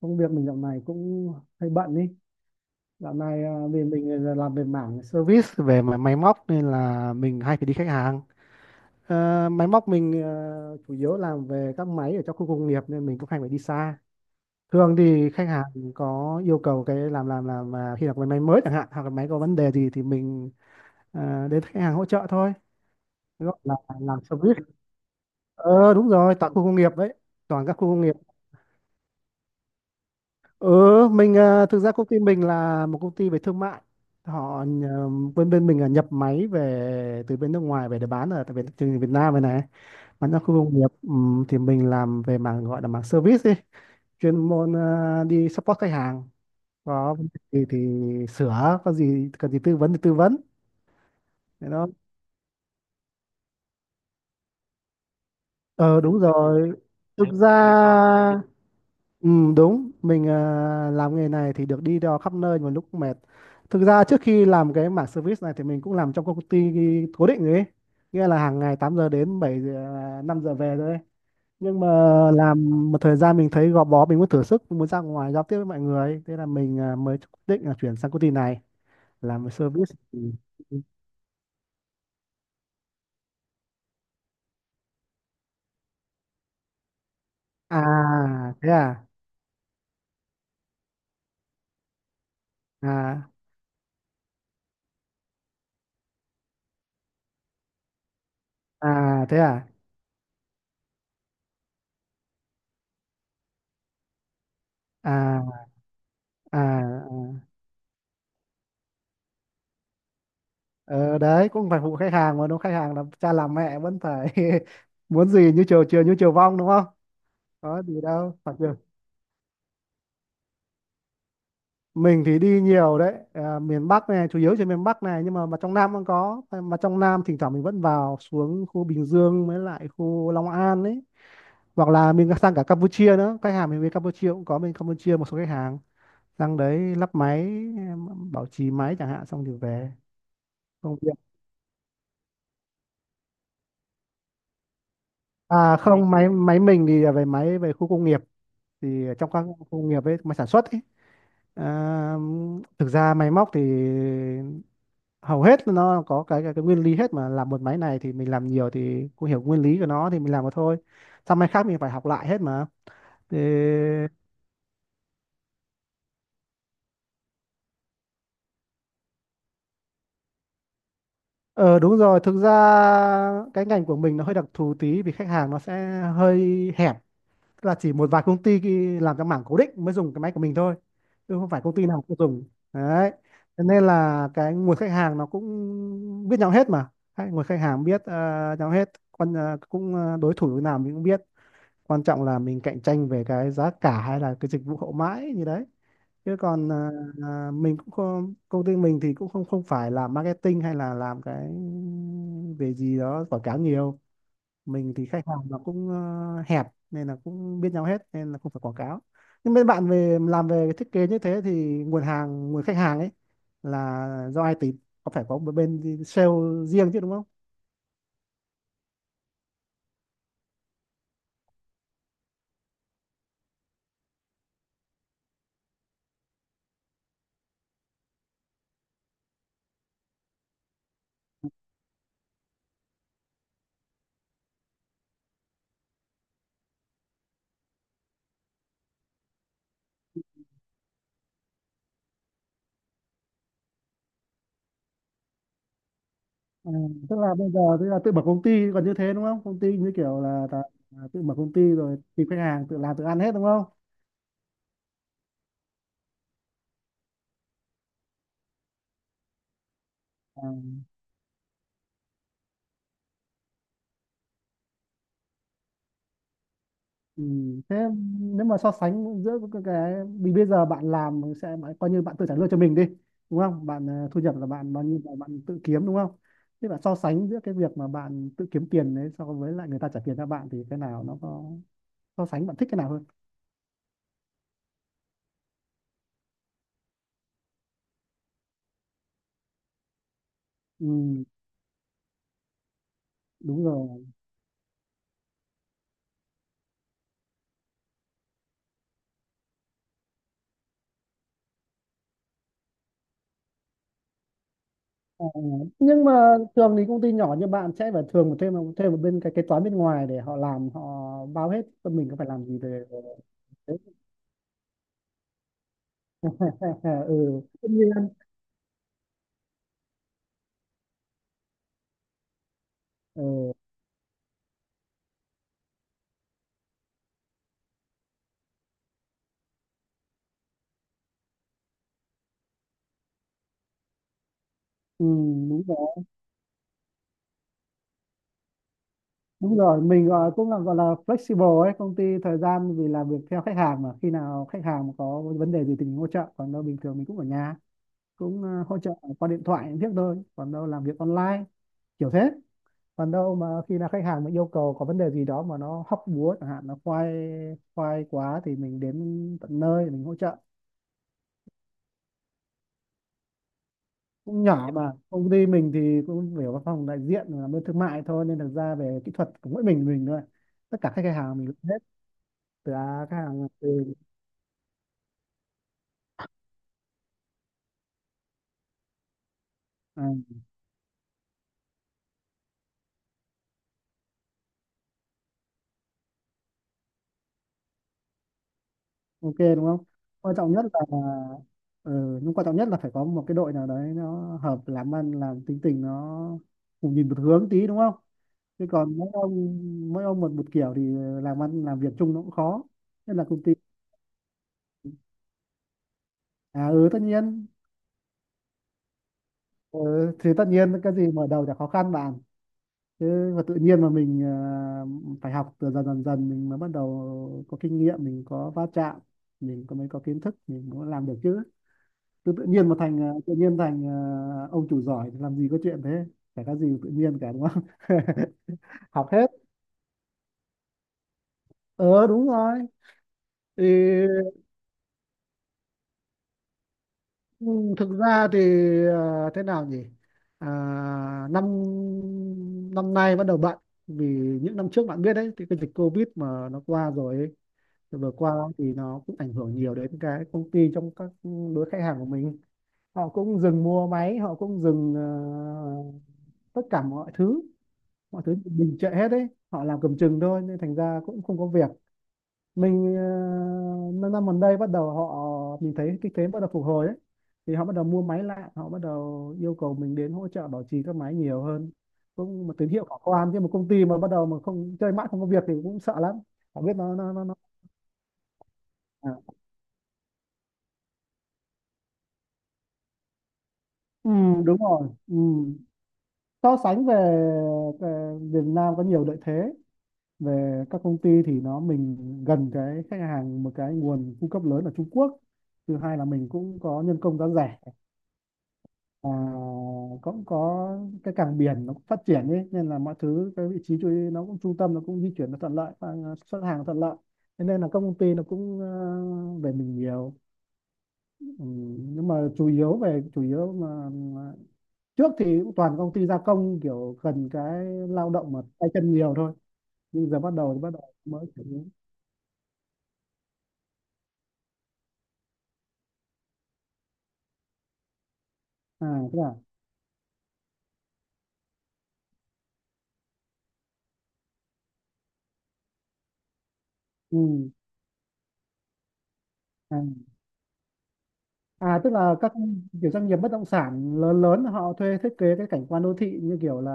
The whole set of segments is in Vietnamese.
Công việc mình dạo này cũng hơi bận ý. Dạo này vì mình là làm về mảng service về mà máy móc nên là mình hay phải đi khách hàng. Ờ, máy móc mình chủ yếu làm về các máy ở trong khu công nghiệp nên mình cũng hay phải đi xa. Thường thì khách hàng có yêu cầu cái làm mà khi là cái máy mới chẳng hạn hoặc là máy có vấn đề gì thì mình đến khách hàng hỗ trợ thôi, gọi là làm service. Ờ đúng rồi, tại khu công nghiệp đấy, toàn các khu công nghiệp. Ừ, mình thực ra công ty mình là một công ty về thương mại. Bên bên mình là nhập máy về từ bên nước ngoài về để bán ở tại Việt, thị trường Việt Nam này này, bán ra khu công nghiệp. Thì mình làm về mảng gọi là mảng service ấy, chuyên môn đi support khách hàng. Có vấn đề gì thì sửa, có gì cần gì tư vấn thì tư vấn. Thế đó. Ờ đúng rồi. Thực ra, ừ, đúng mình làm nghề này thì được đi đò khắp nơi mà lúc mệt. Thực ra trước khi làm cái mảng service này thì mình cũng làm trong công ty cố định rồi ấy, nghĩa là hàng ngày 8 giờ đến 7 giờ, 5 giờ về thôi, nhưng mà làm một thời gian mình thấy gò bó, mình muốn thử sức, mình muốn ra ngoài giao tiếp với mọi người ấy. Thế là mình mới quyết định là chuyển sang công ty này làm về service. Ừ. À thế à. À à thế à. À à. Ờ, đấy cũng phải phụ khách hàng mà đúng không? Khách hàng là cha làm mẹ vẫn phải muốn gì như chiều, chiều như chiều vong đúng không, có gì đâu phải chưa. Mình thì đi nhiều đấy, miền Bắc này, chủ yếu trên miền Bắc này, nhưng mà trong Nam cũng có mà, trong Nam thỉnh thoảng mình vẫn vào, xuống khu Bình Dương với lại khu Long An ấy, hoặc là mình sang cả Campuchia nữa. Khách hàng mình bên Campuchia cũng có, bên Campuchia một số khách hàng, sang đấy lắp máy, em, bảo trì máy chẳng hạn, xong thì về. Công việc không, máy máy mình thì là về máy về khu công nghiệp, thì trong các khu nghiệp ấy mà sản xuất ấy. à, thực ra máy móc thì hầu hết nó có cái nguyên lý hết mà, làm một máy này thì mình làm nhiều thì cũng hiểu nguyên lý của nó thì mình làm mà thôi, sang máy khác mình phải học lại hết mà thì. Ờ đúng rồi, thực ra cái ngành của mình nó hơi đặc thù tí vì khách hàng nó sẽ hơi hẹp. Tức là chỉ một vài công ty làm trong mảng cố định mới dùng cái máy của mình thôi, chứ không phải công ty nào cũng dùng đấy. Cho nên là cái nguồn khách hàng nó cũng biết nhau hết mà. Hay, nguồn khách hàng biết nhau hết, quan cũng đối thủ như nào mình cũng biết, quan trọng là mình cạnh tranh về cái giá cả hay là cái dịch vụ hậu mãi như đấy, chứ còn mình cũng không, công ty mình thì cũng không không phải làm marketing hay là làm cái về gì đó quảng cáo nhiều. Mình thì khách hàng nó cũng hẹp nên là cũng biết nhau hết nên là không phải quảng cáo. Nhưng bên bạn về làm về cái thiết kế như thế thì nguồn hàng, nguồn khách hàng ấy là do ai tìm, có phải có một bên sale riêng chứ đúng không. Ừ, tức là bây giờ tức là tự mở công ty còn như thế đúng không, công ty như kiểu là tự mở công ty rồi tìm khách hàng, tự làm tự ăn hết đúng không. À, ừ, thế nếu mà so sánh giữa cái vì bây giờ bạn làm sẽ coi như bạn tự trả lương cho mình đi, đúng không, bạn thu nhập là bạn bao nhiêu là bạn tự kiếm đúng không, thế bạn so sánh giữa cái việc mà bạn tự kiếm tiền đấy so với lại người ta trả tiền cho bạn thì cái nào nó có, so sánh bạn thích cái nào hơn. Ừ, đúng rồi. Ờ, nhưng mà thường thì công ty nhỏ như bạn sẽ phải thường thêm thêm một bên cái kế toán bên ngoài để họ làm, họ bao hết, còn mình có phải làm gì về ừ tất nhiên. Ừ, ừ, đúng. Đúng rồi, mình gọi cũng là gọi là flexible ấy, công ty thời gian vì làm việc theo khách hàng, mà khi nào khách hàng có vấn đề gì thì mình hỗ trợ, còn đâu bình thường mình cũng ở nhà, cũng hỗ trợ qua điện thoại thiết thôi, còn đâu làm việc online, kiểu thế. Còn đâu mà khi nào khách hàng mà yêu cầu có vấn đề gì đó mà nó hóc búa chẳng hạn, nó khoai khoai quá thì mình đến tận nơi mình hỗ trợ. Cũng nhỏ mà, công ty mình thì cũng về văn phòng đại diện làm bên thương mại thôi, nên thực ra về kỹ thuật của mỗi mình thôi. Tất cả các khách hàng mình làm hết từ khách hàng từ à, ok đúng không. Quan trọng nhất là, ừ, nhưng quan trọng nhất là phải có một cái đội nào đấy nó hợp làm ăn, làm tính tình nó cùng nhìn một hướng tí đúng không, chứ còn mỗi ông một một kiểu thì làm ăn, làm việc chung nó cũng khó, nên là công ty. À ừ tất nhiên. Ừ, thì tất nhiên cái gì mở đầu chả khó khăn bạn, chứ mà tự nhiên mà mình phải học từ dần dần dần mình mới bắt đầu có kinh nghiệm, mình có va chạm, mình có mới có kiến thức mình mới làm được chứ. Tự nhiên mà thành tự nhiên thành ông chủ giỏi thì làm gì có chuyện thế, chả có gì tự nhiên cả đúng không học hết. Ờ đúng rồi thì, ừ, thực ra thì thế nào nhỉ, à, năm năm nay bắt đầu bận vì những năm trước bạn biết đấy thì cái dịch Covid mà nó qua rồi ấy, vừa qua thì nó cũng ảnh hưởng nhiều đến cái công ty trong các đối khách hàng của mình, họ cũng dừng mua máy, họ cũng dừng tất cả mọi thứ, mọi thứ đình trệ hết đấy, họ làm cầm chừng thôi nên thành ra cũng không có việc. Mình năm năm gần đây bắt đầu họ, mình thấy cái thế bắt đầu phục hồi ấy, thì họ bắt đầu mua máy lại, họ bắt đầu yêu cầu mình đến hỗ trợ bảo trì các máy nhiều hơn, cũng một tín hiệu khả quan chứ một công ty mà bắt đầu mà không chơi mãi không có việc thì cũng sợ lắm. Họ biết nó. À. Ừ, đúng rồi ừ. So sánh về, về Việt Nam có nhiều lợi thế, về các công ty thì nó mình gần cái khách hàng một cái nguồn cung cấp lớn ở Trung Quốc, thứ hai là mình cũng có nhân công giá rẻ, và cũng có cái cảng biển nó cũng phát triển ấy, nên là mọi thứ cái vị trí chú nó cũng trung tâm, nó cũng di chuyển nó thuận lợi và xuất hàng nó thuận lợi. Thế nên là các công ty nó cũng về mình nhiều. Ừ, nhưng mà chủ yếu về chủ yếu mà trước thì cũng toàn công ty gia công kiểu cần cái lao động mà tay chân nhiều thôi, nhưng giờ bắt đầu thì bắt đầu mới chuyển hướng. À thế à. Ừ. À. À tức là các kiểu doanh nghiệp bất động sản lớn lớn họ thuê thiết kế cái cảnh quan đô thị như kiểu là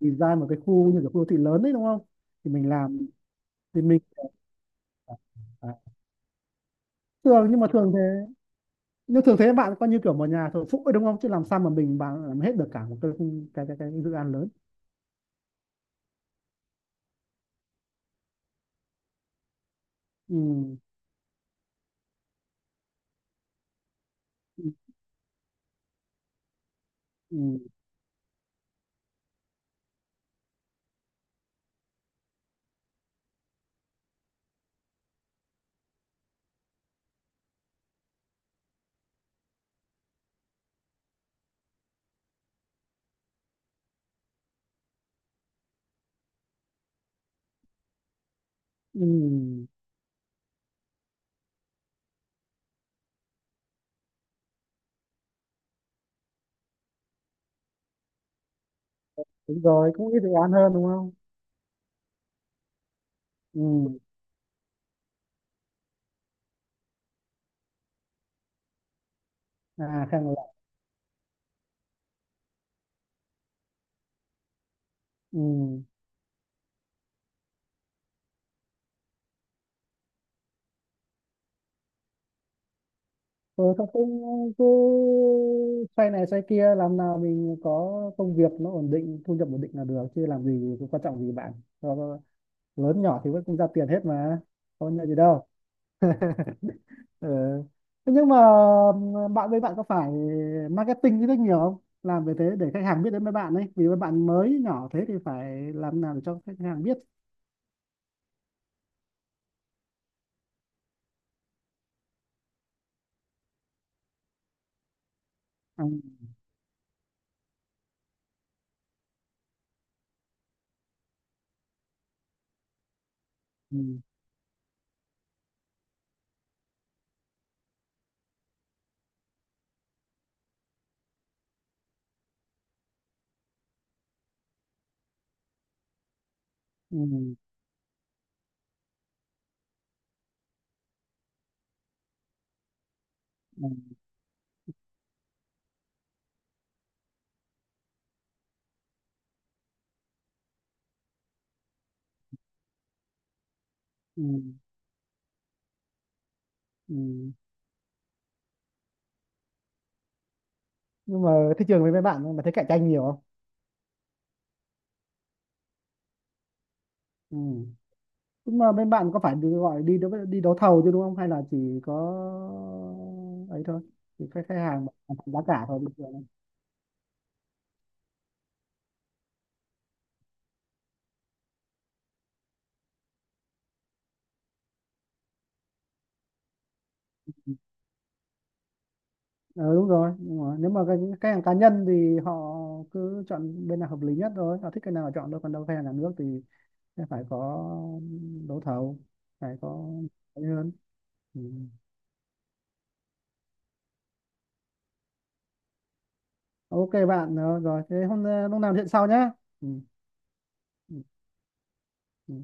design một cái khu như kiểu khu đô thị lớn đấy đúng không? Thì mình làm, thì mình à. Thường nhưng mà thường thế, nhưng thường thế bạn coi như kiểu một nhà thờ phụ ấy đúng không? Chứ làm sao mà bạn làm hết được cả một cái dự án lớn. Ừ. Ừ. Ừ. Ừ. Đúng rồi, cũng ít dự án hơn đúng không? Ừ. À khang là ừ. Rồi xong cũng cứ xoay này xoay kia làm nào mình có công việc nó ổn định, thu nhập ổn định là được, chứ làm gì có quan trọng gì bạn. Cho- lớn nhỏ thì vẫn cũng ra tiền hết mà, không nhận gì đâu. Ừ. Thế nhưng mà bạn có phải marketing rất nhiều không, làm về thế để khách hàng biết đến với bạn ấy, vì với bạn mới nhỏ thế thì phải làm nào để cho khách hàng biết. À, ừ, ừ, ừ, ừ, ừ. Nhưng mà thị trường với mấy bạn mà thấy cạnh tranh nhiều không, ừ. Nhưng mà bên bạn có phải đi gọi đi đấu thầu chứ đúng không? Hay là chỉ có ấy thôi? Chỉ khách, khách hàng bán giá cả thôi bình thường. Ừ, đúng rồi. Nhưng mà nếu mà cái khách hàng cá nhân thì họ cứ chọn bên nào hợp lý nhất thôi. Họ thích cái nào họ chọn thôi. Còn đâu khách hàng nhà nước thì sẽ phải có đấu thầu, phải có ấy hơn. Ừ. Ok bạn rồi. Thế hôm lúc nào chuyện sau nhé. Ừ. Ừ. Ừ.